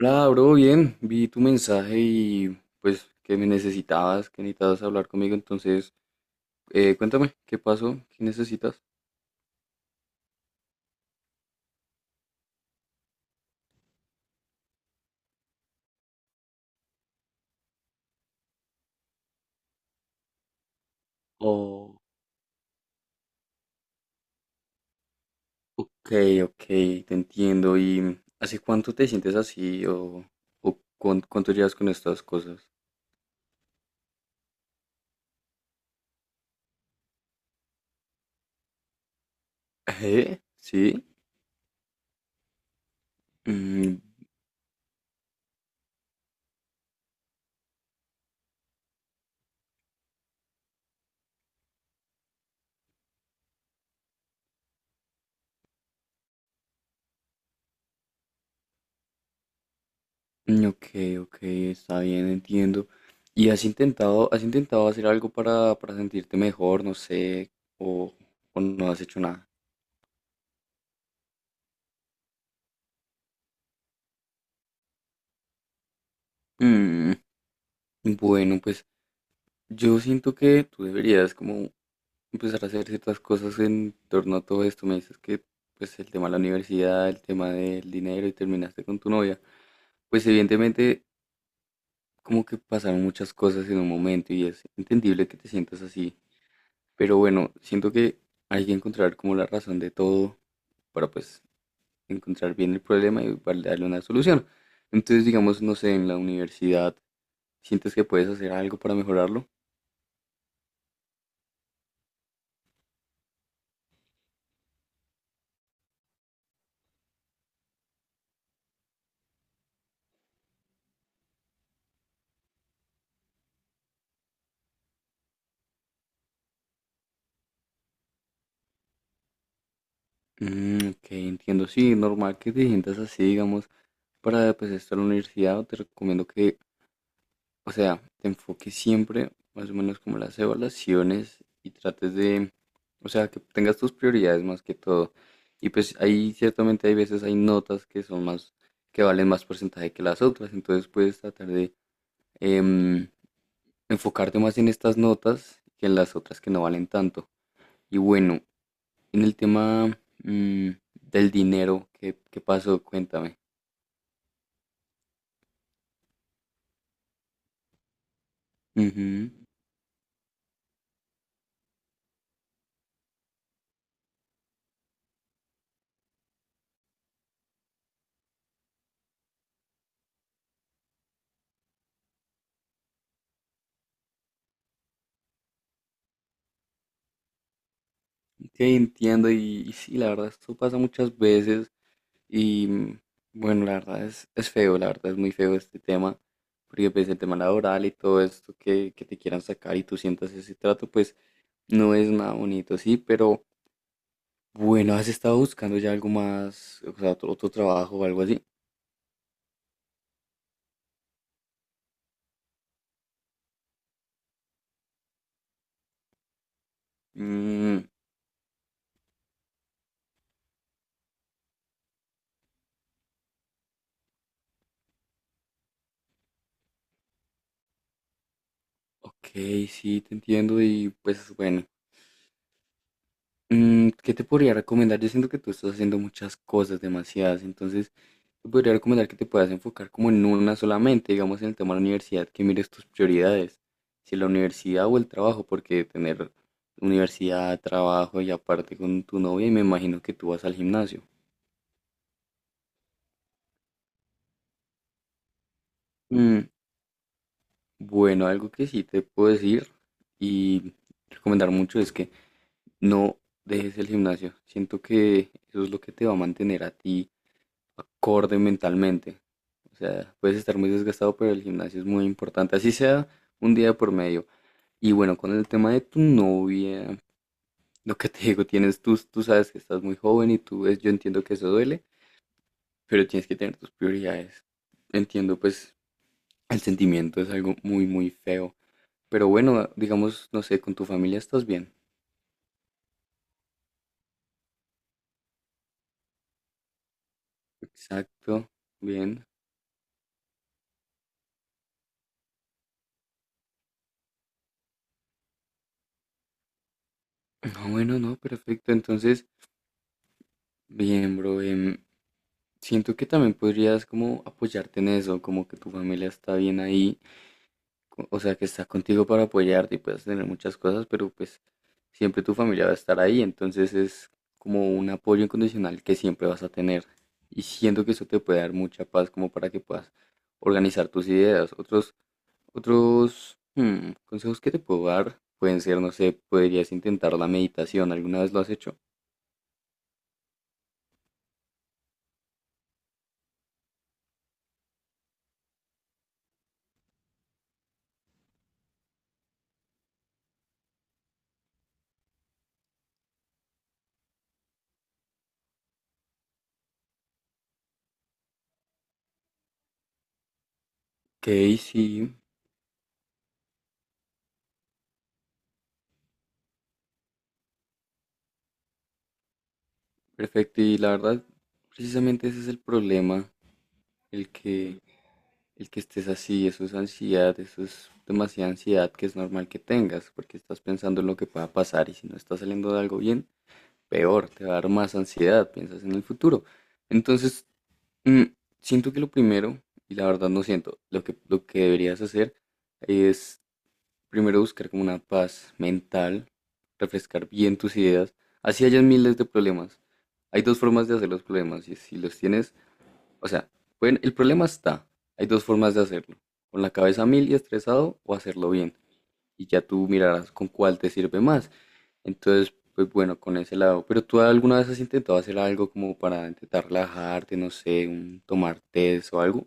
Hola, bro, bien. Vi tu mensaje y pues que me necesitabas, que necesitabas hablar conmigo. Entonces, cuéntame, ¿qué pasó? ¿Qué necesitas? Oh, ok, ok, te entiendo. ¿Y hace cuánto te sientes así o cuánto llevas con estas cosas? ¿Eh? ¿Sí? Mm, mm, ok, ok, está bien, entiendo. ¿Y has intentado hacer algo para sentirte mejor? No sé, o, o no has hecho nada. Mm, bueno, pues yo siento que tú deberías como empezar a hacer ciertas cosas en torno a todo esto. Me dices que pues el tema de la universidad, el tema del dinero y terminaste con tu novia. Pues evidentemente como que pasaron muchas cosas en un momento y es entendible que te sientas así. Pero bueno, siento que hay que encontrar como la razón de todo para pues encontrar bien el problema y para darle una solución. Entonces digamos, no sé, en la universidad, ¿sientes que puedes hacer algo para mejorarlo? Ok, entiendo. Sí, normal que te sientas así, digamos, para pues estar en la universidad, te recomiendo que, o sea, te enfoques siempre, más o menos como las evaluaciones y trates de, o sea, que tengas tus prioridades más que todo. Y pues ahí ciertamente hay veces hay notas que son más, que valen más porcentaje que las otras, entonces puedes tratar de em, enfocarte más en estas notas que en las otras que no valen tanto. Y bueno, en el tema mm, del dinero, ¿qué, qué pasó? Cuéntame. Ujú. Ok, entiendo. Y sí, la verdad, esto pasa muchas veces. Y bueno, la verdad es feo, la verdad es muy feo este tema. Porque pues el tema laboral y todo esto que te quieran sacar y tú sientas ese trato, pues no es nada bonito, sí. Pero bueno, has estado buscando ya algo más, o sea, otro, otro trabajo o algo así. Mm, ok, sí, te entiendo. Y pues bueno. ¿Qué te podría recomendar? Yo siento que tú estás haciendo muchas cosas, demasiadas, entonces te podría recomendar que te puedas enfocar como en una solamente, digamos en el tema de la universidad, que mires tus prioridades, si la universidad o el trabajo, porque tener universidad, trabajo y aparte con tu novia, y me imagino que tú vas al gimnasio. Mm, bueno, algo que sí te puedo decir y recomendar mucho es que no dejes el gimnasio, siento que eso es lo que te va a mantener a ti acorde mentalmente. O sea, puedes estar muy desgastado, pero el gimnasio es muy importante, así sea un día por medio. Y bueno, con el tema de tu novia, lo que te digo, tienes tú, tú sabes que estás muy joven y tú ves, yo entiendo que eso duele, pero tienes que tener tus prioridades. Entiendo, pues, el sentimiento es algo muy, muy feo. Pero bueno, digamos, no sé, con tu familia estás bien. Exacto, bien. No, bueno, no, perfecto. Entonces, bien, bro, siento que también podrías como apoyarte en eso, como que tu familia está bien ahí, o sea, que está contigo para apoyarte y puedes tener muchas cosas, pero pues siempre tu familia va a estar ahí, entonces es como un apoyo incondicional que siempre vas a tener. Y siento que eso te puede dar mucha paz como para que puedas organizar tus ideas. Otros consejos que te puedo dar pueden ser, no sé, podrías intentar la meditación. ¿Alguna vez lo has hecho? Ok, sí, perfecto. Y la verdad, precisamente ese es el problema, el que el que estés así, eso es ansiedad, eso es demasiada ansiedad que es normal que tengas, porque estás pensando en lo que pueda pasar y si no está saliendo de algo bien, peor, te va a dar más ansiedad, piensas en el futuro. Entonces, mm, siento que lo primero, y la verdad no siento, lo que deberías hacer es primero buscar como una paz mental, refrescar bien tus ideas, así hayas miles de problemas. Hay dos formas de hacer los problemas, y si los tienes, o sea, pueden- el problema está. Hay dos formas de hacerlo. Con la cabeza a mil y estresado o hacerlo bien. Y ya tú mirarás con cuál te sirve más. Entonces, pues bueno, con ese lado. Pero tú alguna vez has intentado hacer algo como para intentar relajarte, no sé, un, tomar test o algo.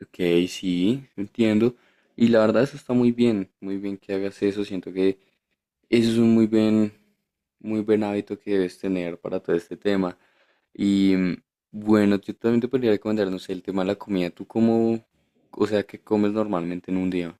Ok, sí, entiendo. Y la verdad eso está muy bien que hagas eso. Siento que eso es un muy buen hábito que debes tener para todo este tema. Y bueno, yo también te podría recomendar, no sé, el tema de la comida. ¿Tú cómo, o sea, qué comes normalmente en un día?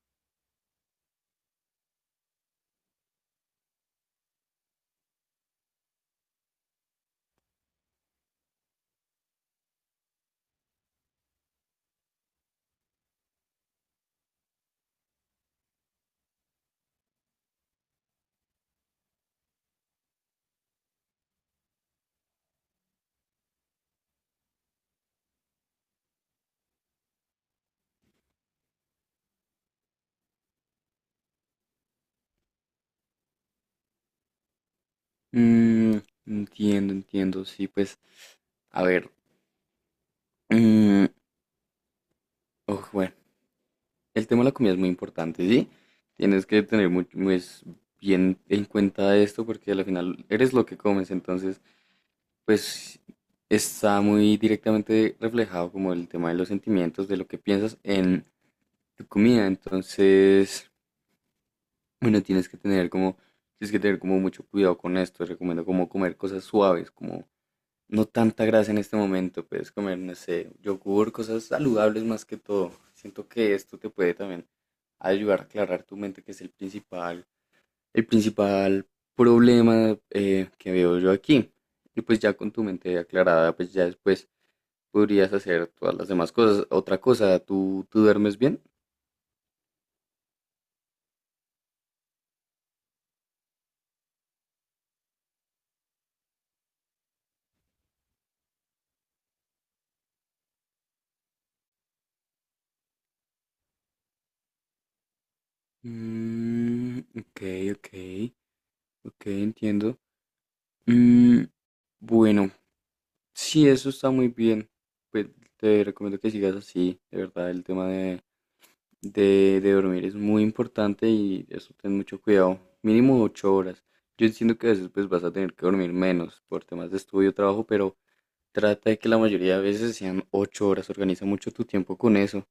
Mm, Entiendo, entiendo, sí, pues, a ver. mm, oh, bueno, el tema de la comida es muy importante, ¿sí? Tienes que tener muy, pues, bien en cuenta esto porque al final eres lo que comes, entonces, pues, está muy directamente reflejado como el tema de los sentimientos, de lo que piensas en tu comida, entonces... Bueno, tienes que tener como, tienes que tener como mucho cuidado con esto. Recomiendo como comer cosas suaves, como no tanta grasa en este momento. Puedes comer, no sé, yogur, cosas saludables más que todo. Siento que esto te puede también ayudar a aclarar tu mente, que es el principal problema que veo yo aquí. Y pues ya con tu mente aclarada, pues ya después podrías hacer todas las demás cosas. Otra cosa, ¿tú, tú duermes bien? Ok, ok, ok, entiendo. Mm, bueno, sí, eso está muy bien. Pues te recomiendo que sigas así, de verdad, el tema de dormir es muy importante y eso ten mucho cuidado. Mínimo 8 horas. Yo entiendo que a veces pues vas a tener que dormir menos por temas de estudio, trabajo, pero trata de que la mayoría de veces sean 8 horas. Organiza mucho tu tiempo con eso.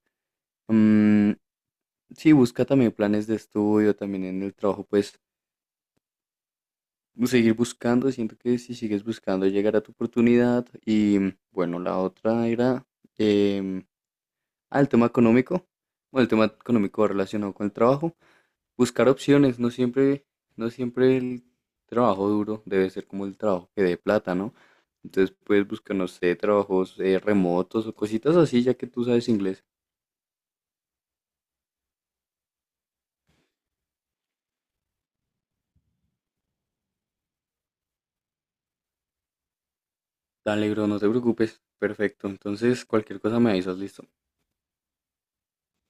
Mm, sí, busca también planes de estudio, también en el trabajo, pues seguir buscando, siento que si sigues buscando llegará tu oportunidad. Y bueno, la otra era em, ah, el tema económico. Bueno, el tema económico relacionado con el trabajo. Buscar opciones, no siempre, no siempre el trabajo duro debe ser como el trabajo que dé plata, ¿no? Entonces puedes buscar, no sé, trabajos remotos o cositas así, ya que tú sabes inglés. Dale, bro, no te preocupes. Perfecto. Entonces, cualquier cosa me avisas, listo.